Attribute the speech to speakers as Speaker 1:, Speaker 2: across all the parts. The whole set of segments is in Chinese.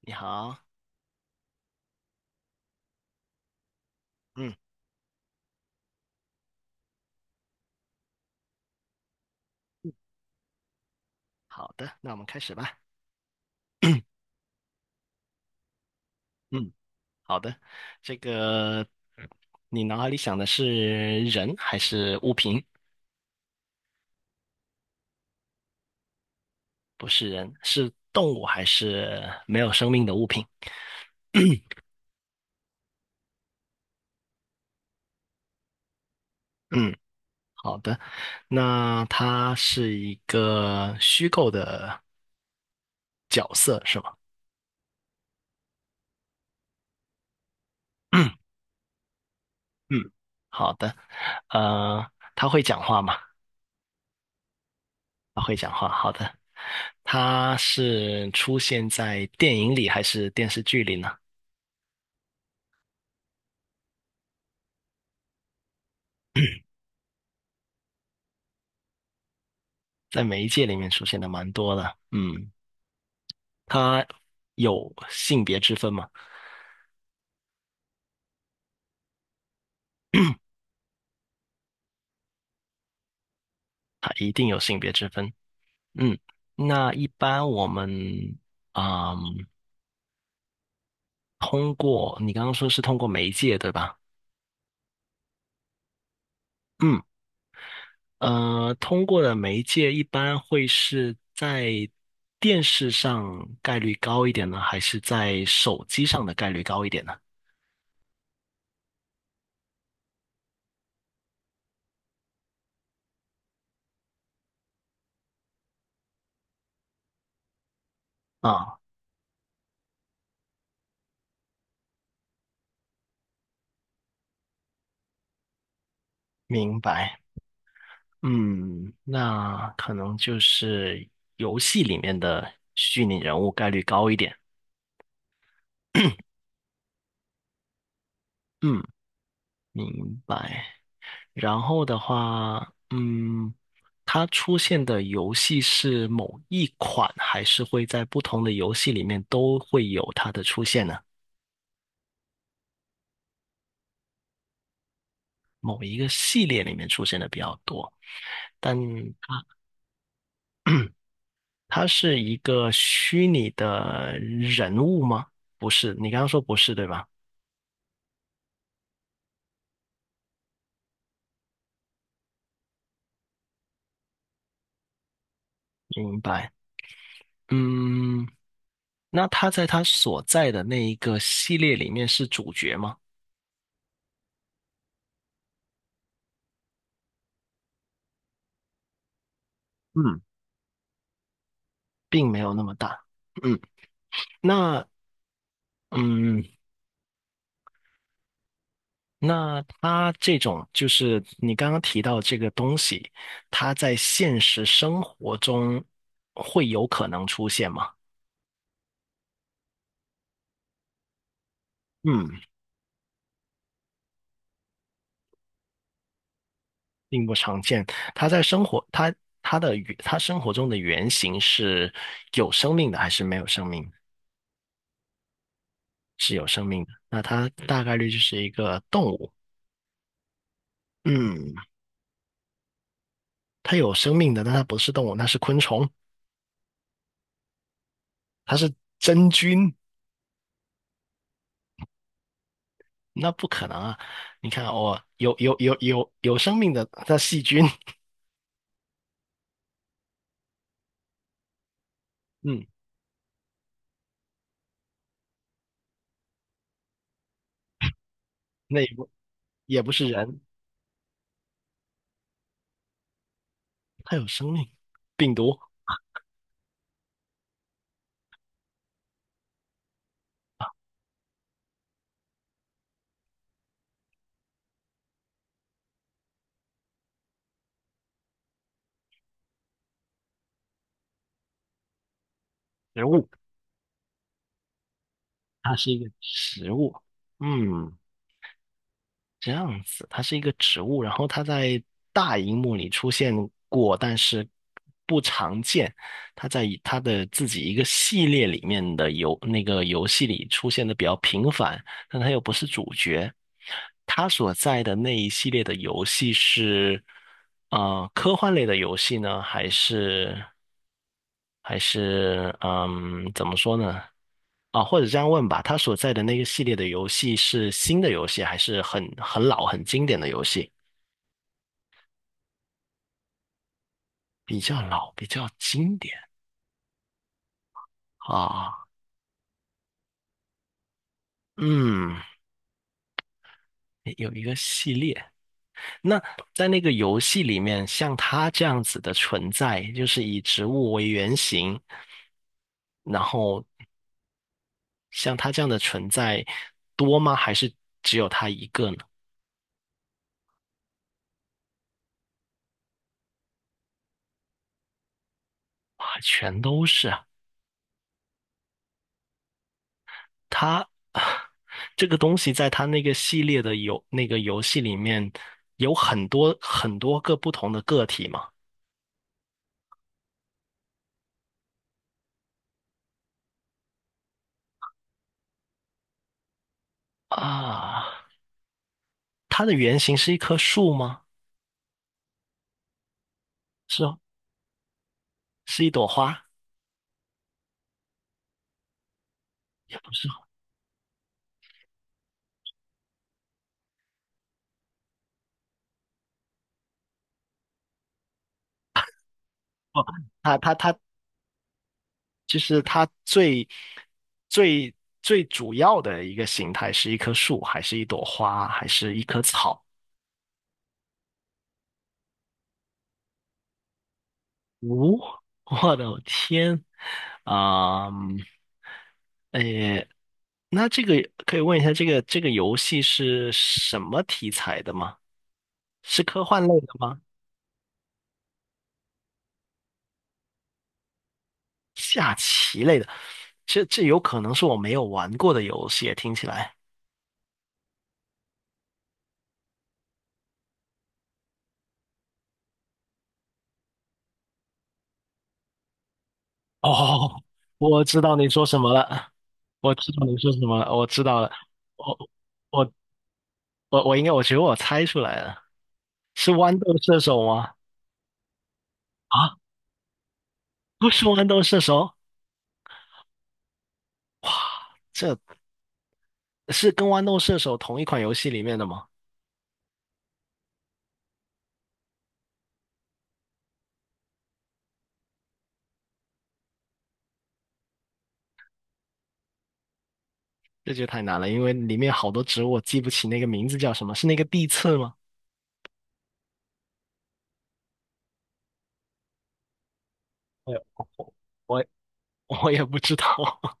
Speaker 1: 你好，嗯，嗯，好的，那我们开始吧。嗯，好的。这个你脑海里想的是人还是物品？不是人，是动物还是没有生命的物品？嗯，好的。那他是一个虚构的角色是吗？嗯嗯，好的。呃，他会讲话吗？他会讲话，好的。他是出现在电影里还是电视剧里呢？在媒介里面出现的蛮多的。嗯，它有性别之分嘛？它一定有性别之分。嗯，那一般我们，嗯，通过你刚刚说是通过媒介对吧？嗯，通过的媒介一般会是在电视上概率高一点呢，还是在手机上的概率高一点呢？啊，明白。嗯，那可能就是游戏里面的虚拟人物概率高一点。嗯，明白。然后的话，嗯，它出现的游戏是某一款，还是会在不同的游戏里面都会有它的出现呢？某一个系列里面出现的比较多，但它 它是一个虚拟的人物吗？不是，你刚刚说不是，对吧？明白。嗯，那他在他所在的那一个系列里面是主角吗？嗯，并没有那么大。嗯，那嗯，那他这种就是你刚刚提到这个东西，它在现实生活中会有可能出现吗？嗯，并不常见。他在生活，他他生活中的原型是有生命的还是没有生命？是有生命的。那他大概率就是一个动物。嗯，它有生命的，但它不是动物，那是昆虫，它是真菌，那不可能啊！你看，哦，有生命的，它细菌，嗯，那也不也不是人，它有生命，病毒，植物，它是一个食物，嗯，这样子，它是一个植物，然后它在大荧幕里出现过，但是不常见。它在以它的自己一个系列里面的那个游戏里出现的比较频繁，但它又不是主角。它所在的那一系列的游戏是，科幻类的游戏呢，还是怎么说呢？啊，或者这样问吧，他所在的那个系列的游戏是新的游戏，还是很老、很经典的游戏？比较老，比较经典啊。嗯，有一个系列。那在那个游戏里面，像他这样子的存在，就是以植物为原型，然后像他这样的存在多吗？还是只有他一个呢？啊，全都是啊。它 这个东西在它那个系列的那个游戏里面有很多个不同的个体嘛。啊，它的原型是一棵树吗？是哦，是一朵花，也不是哦。它它它就是它最最主要的一个形态是一棵树，还是一朵花，还是一棵草？哦，我的天，啊、嗯，诶那这个可以问一下，这个这个游戏是什么题材的吗？是科幻类的吗？下棋类的？这这有可能是我没有玩过的游戏，听起来。哦，我知道你说什么了，我知道你说什么了，我知道了，我我我应该，我觉得我猜出来了，是豌豆射手吗？啊，不是豌豆射手，哇，这是跟豌豆射手同一款游戏里面的吗？这就太难了，因为里面好多植物我记不起那个名字叫什么，是那个地刺吗？哎呦，我我也不知道，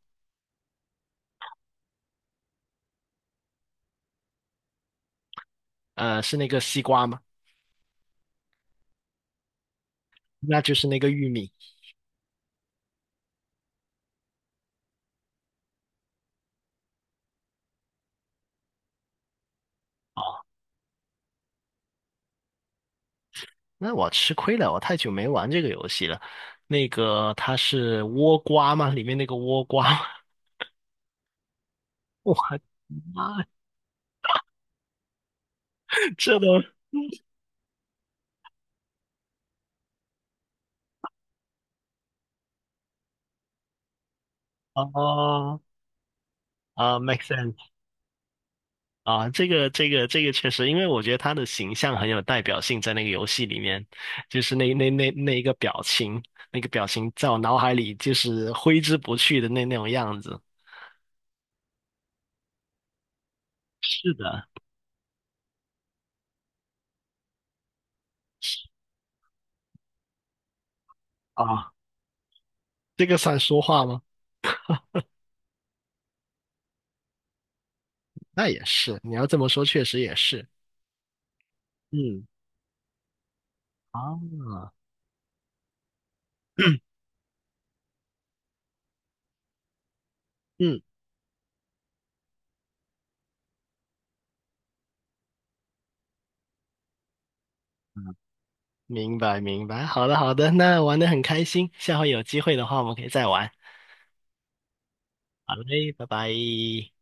Speaker 1: 是那个西瓜吗？那就是那个玉米。哦，那我吃亏了，我太久没玩这个游戏了。那个它是倭瓜吗？里面那个倭瓜吗 我的妈，这都啊make sense。啊，这个这个确实，因为我觉得他的形象很有代表性，在那个游戏里面，就是那一个表情，那个表情在我脑海里就是挥之不去的那种样子。是的，啊，这个算说话吗？那也是，你要这么说，确实也是。嗯，啊，嗯，明白明白。好的好的，那玩的很开心，下回有机会的话，我们可以再玩。好嘞，拜拜。